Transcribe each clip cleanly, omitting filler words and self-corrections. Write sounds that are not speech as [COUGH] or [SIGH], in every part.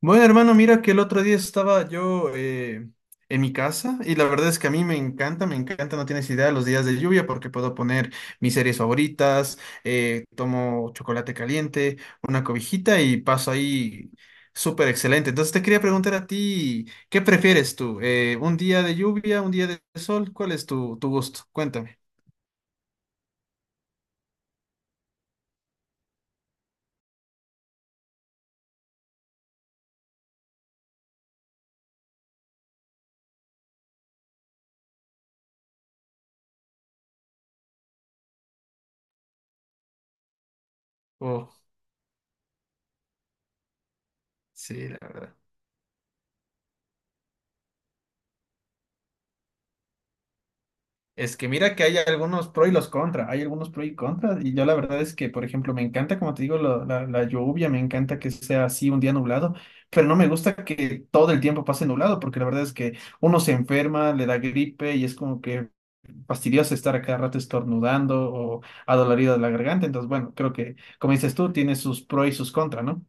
Bueno, hermano, mira que el otro día estaba yo en mi casa y la verdad es que a mí me encanta, no tienes idea, los días de lluvia porque puedo poner mis series favoritas, tomo chocolate caliente, una cobijita y paso ahí súper excelente. Entonces te quería preguntar a ti, ¿qué prefieres tú? ¿Un día de lluvia, un día de sol? ¿Cuál es tu gusto? Cuéntame. Oh, sí, la verdad. Es que mira que hay algunos pro y los contra, hay algunos pro y contra, y yo la verdad es que, por ejemplo, me encanta, como te digo, la lluvia, me encanta que sea así un día nublado, pero no me gusta que todo el tiempo pase nublado, porque la verdad es que uno se enferma, le da gripe y es como que fastidioso estar a cada rato estornudando o adolorido de la garganta, entonces bueno, creo que, como dices tú, tiene sus pro y sus contra, ¿no?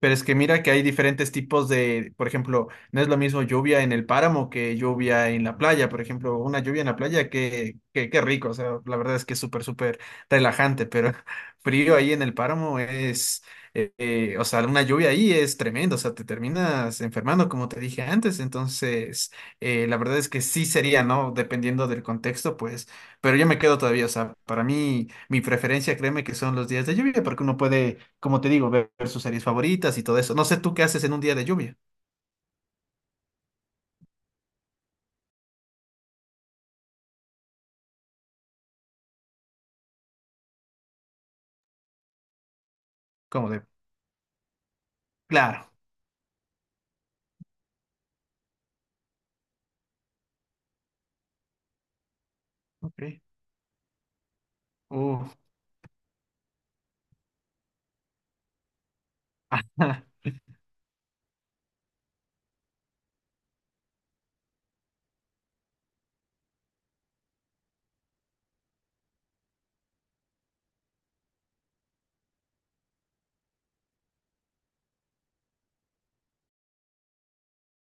Pero es que mira que hay diferentes tipos de, por ejemplo, no es lo mismo lluvia en el páramo que lluvia en la playa. Por ejemplo, una lluvia en la playa, que qué rico. O sea, la verdad es que es súper, súper relajante, pero [LAUGHS] frío ahí en el páramo es, o sea, una lluvia ahí es tremendo. O sea, te terminas enfermando, como te dije antes. Entonces, la verdad es que sí sería, ¿no? Dependiendo del contexto, pues pero yo me quedo todavía, o sea, para mí, mi preferencia, créeme que son los días de lluvia, porque uno puede, como te digo, ver sus series favoritas y todo eso. No sé tú qué haces en un día de lluvia. Como de, claro. Ok. Uh. [LAUGHS]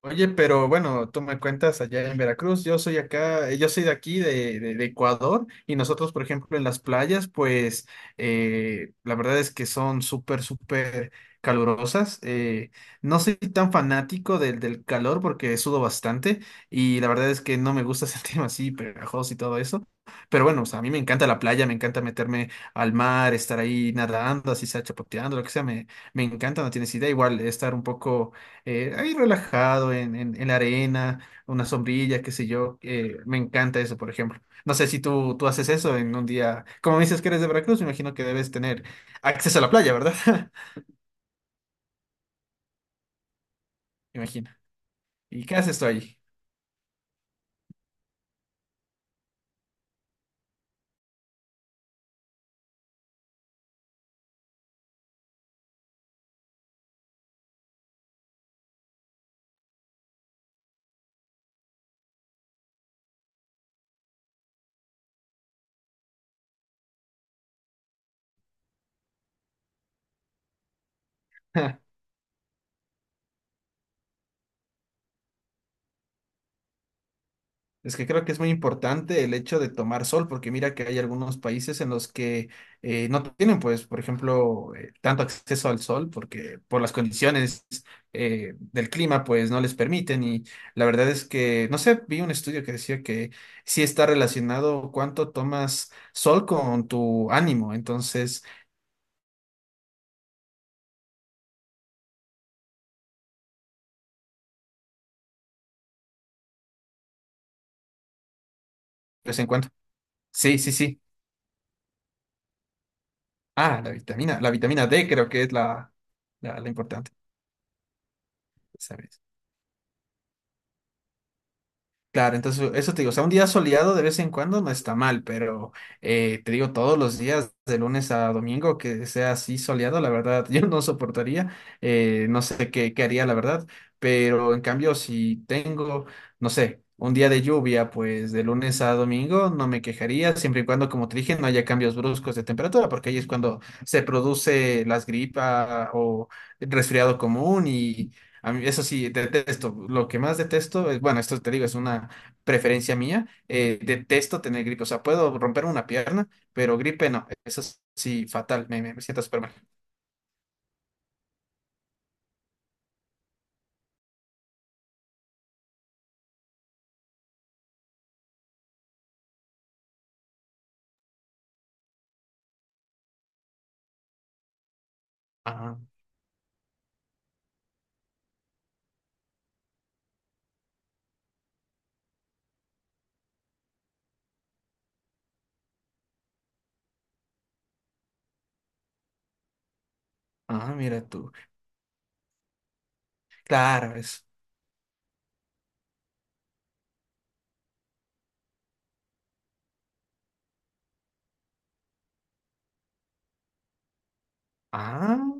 Oye, pero bueno, tú me cuentas allá en Veracruz, yo soy acá, yo soy de aquí, de Ecuador, y nosotros, por ejemplo, en las playas, pues la verdad es que son súper, súper calurosas. No soy tan fanático del calor porque sudo bastante y la verdad es que no me gusta [LAUGHS] sentirme así pegajoso y todo eso. Pero bueno, o sea, a mí me encanta la playa, me encanta meterme al mar, estar ahí nadando, así sea chapoteando, lo que sea, me encanta, no tienes idea, igual estar un poco ahí relajado en, en la arena, una sombrilla, qué sé yo. Me encanta eso, por ejemplo. No sé si tú haces eso en un día. Como me dices que eres de Veracruz, me imagino que debes tener acceso a la playa, ¿verdad? [LAUGHS] Me imagino. ¿Y qué haces tú ahí? [LAUGHS] Es que creo que es muy importante el hecho de tomar sol, porque mira que hay algunos países en los que no tienen, pues, por ejemplo, tanto acceso al sol, porque por las condiciones del clima, pues, no les permiten. Y la verdad es que, no sé, vi un estudio que decía que sí está relacionado cuánto tomas sol con tu ánimo. Entonces, pues, en cuanto... Sí, sí, sí. Ah, la vitamina, la vitamina D creo que es la importante. ¿Sabes? Claro, entonces eso te digo, o sea, un día soleado de vez en cuando no está mal, pero te digo, todos los días, de lunes a domingo, que sea así soleado, la verdad, [LAUGHS] yo no soportaría, no sé qué haría, la verdad, pero en cambio, si tengo, no sé, un día de lluvia, pues de lunes a domingo no me quejaría, siempre y cuando, como te dije, no haya cambios bruscos de temperatura, porque ahí es cuando se produce las gripas o resfriado común y a mí, eso sí, detesto. Lo que más detesto es, bueno, esto te digo, es una preferencia mía. Detesto tener gripe. O sea, puedo romper una pierna, pero gripe no. Eso sí, fatal. Me siento súper mal. Ah, mira tú. Claro, es. Ah.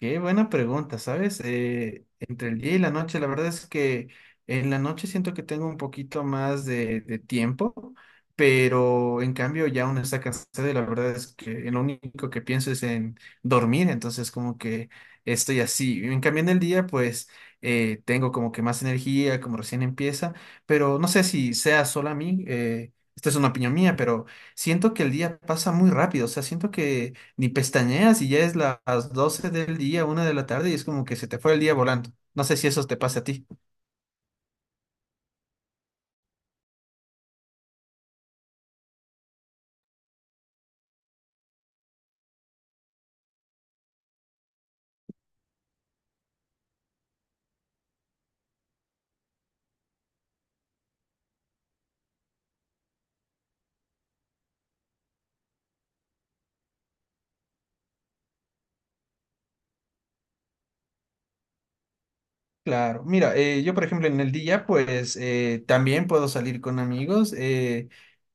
Qué buena pregunta, ¿sabes? Entre el día y la noche, la verdad es que en la noche siento que tengo un poquito más de tiempo, pero en cambio ya uno está cansado y la verdad es que en lo único que pienso es en dormir, entonces como que estoy así. En cambio en el día, pues tengo como que más energía, como recién empieza, pero no sé si sea solo a mí, esta es una opinión mía, pero siento que el día pasa muy rápido, o sea, siento que ni pestañeas y ya es las 12 del día, una de la tarde y es como que se te fue el día volando. No sé si eso te pasa a ti. Claro, mira, yo por ejemplo en el día pues también puedo salir con amigos.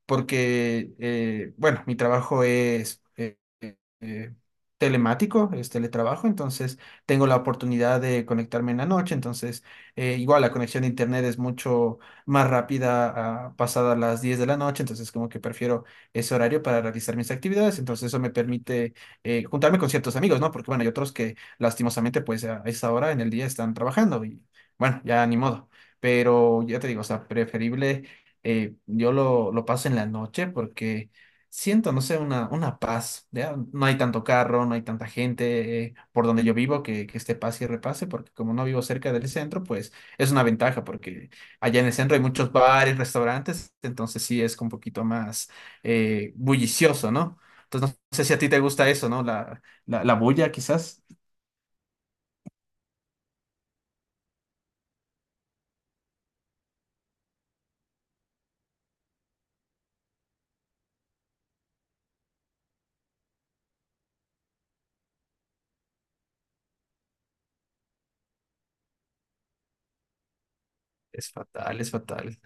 Porque, bueno, mi trabajo es telemático, es teletrabajo, entonces tengo la oportunidad de conectarme en la noche, entonces igual la conexión de internet es mucho más rápida a, pasadas las 10 de la noche, entonces como que prefiero ese horario para realizar mis actividades, entonces eso me permite juntarme con ciertos amigos, ¿no? Porque bueno, hay otros que lastimosamente pues a esa hora en el día están trabajando y bueno, ya ni modo. Pero ya te digo, o sea, preferible yo lo paso en la noche porque siento, no sé, una paz. ¿Ya? No hay tanto carro, no hay tanta gente por donde yo vivo que esté pase y repase, porque como no vivo cerca del centro, pues es una ventaja, porque allá en el centro hay muchos bares, restaurantes, entonces sí es un poquito más bullicioso, ¿no? Entonces no sé si a ti te gusta eso, ¿no? La bulla quizás. Es fatal, es fatal.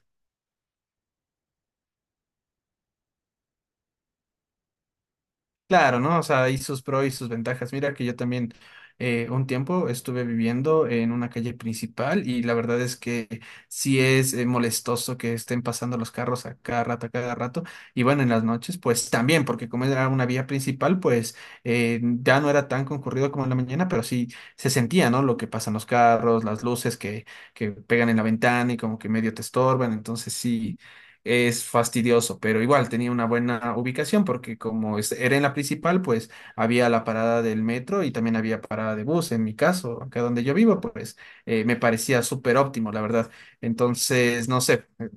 Claro, ¿no? O sea, y sus pros y sus ventajas. Mira que yo también un tiempo estuve viviendo en una calle principal y la verdad es que sí es molestoso que estén pasando los carros a cada rato, a cada rato. Y bueno, en las noches, pues también, porque como era una vía principal, pues ya no era tan concurrido como en la mañana, pero sí se sentía, ¿no? Lo que pasan los carros, las luces que pegan en la ventana y como que medio te estorban. Entonces sí es fastidioso, pero igual tenía una buena ubicación porque como era en la principal, pues había la parada del metro y también había parada de bus. En mi caso, acá donde yo vivo, pues me parecía súper óptimo, la verdad. Entonces, no sé,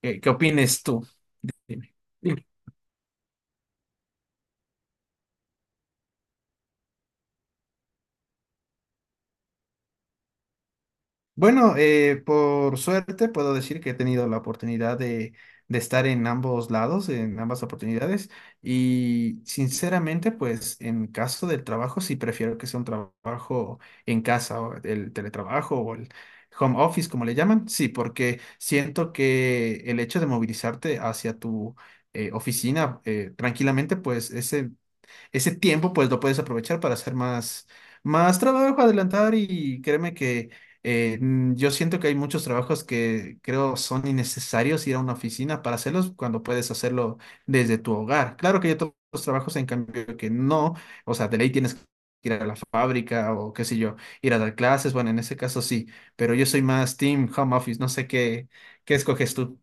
¿qué, qué opines tú? Dime. Bueno, por suerte puedo decir que he tenido la oportunidad de estar en ambos lados, en ambas oportunidades, y sinceramente, pues en caso del trabajo, sí prefiero que sea un trabajo en casa, o el teletrabajo o el home office, como le llaman, sí, porque siento que el hecho de movilizarte hacia tu oficina tranquilamente, pues ese tiempo pues lo puedes aprovechar para hacer más, más trabajo, adelantar y créeme que yo siento que hay muchos trabajos que creo son innecesarios ir a una oficina para hacerlos cuando puedes hacerlo desde tu hogar. Claro que hay otros trabajos en cambio que no, o sea, de ley tienes que ir a la fábrica o qué sé yo, ir a dar clases, bueno, en ese caso sí, pero yo soy más team home office, no sé qué, qué escoges tú.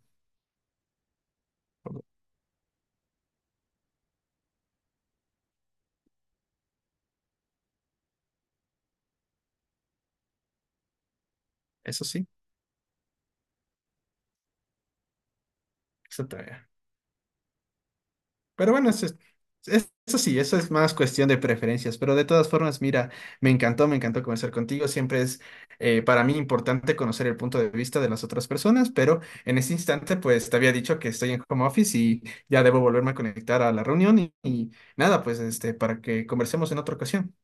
Eso sí, eso te veo. Pero bueno, eso, eso sí, eso es más cuestión de preferencias, pero de todas formas, mira, me encantó conversar contigo. Siempre es para mí importante conocer el punto de vista de las otras personas, pero en este instante, pues te había dicho que estoy en home office y ya debo volverme a conectar a la reunión y nada, pues este, para que conversemos en otra ocasión.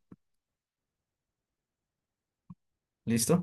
¿Listo?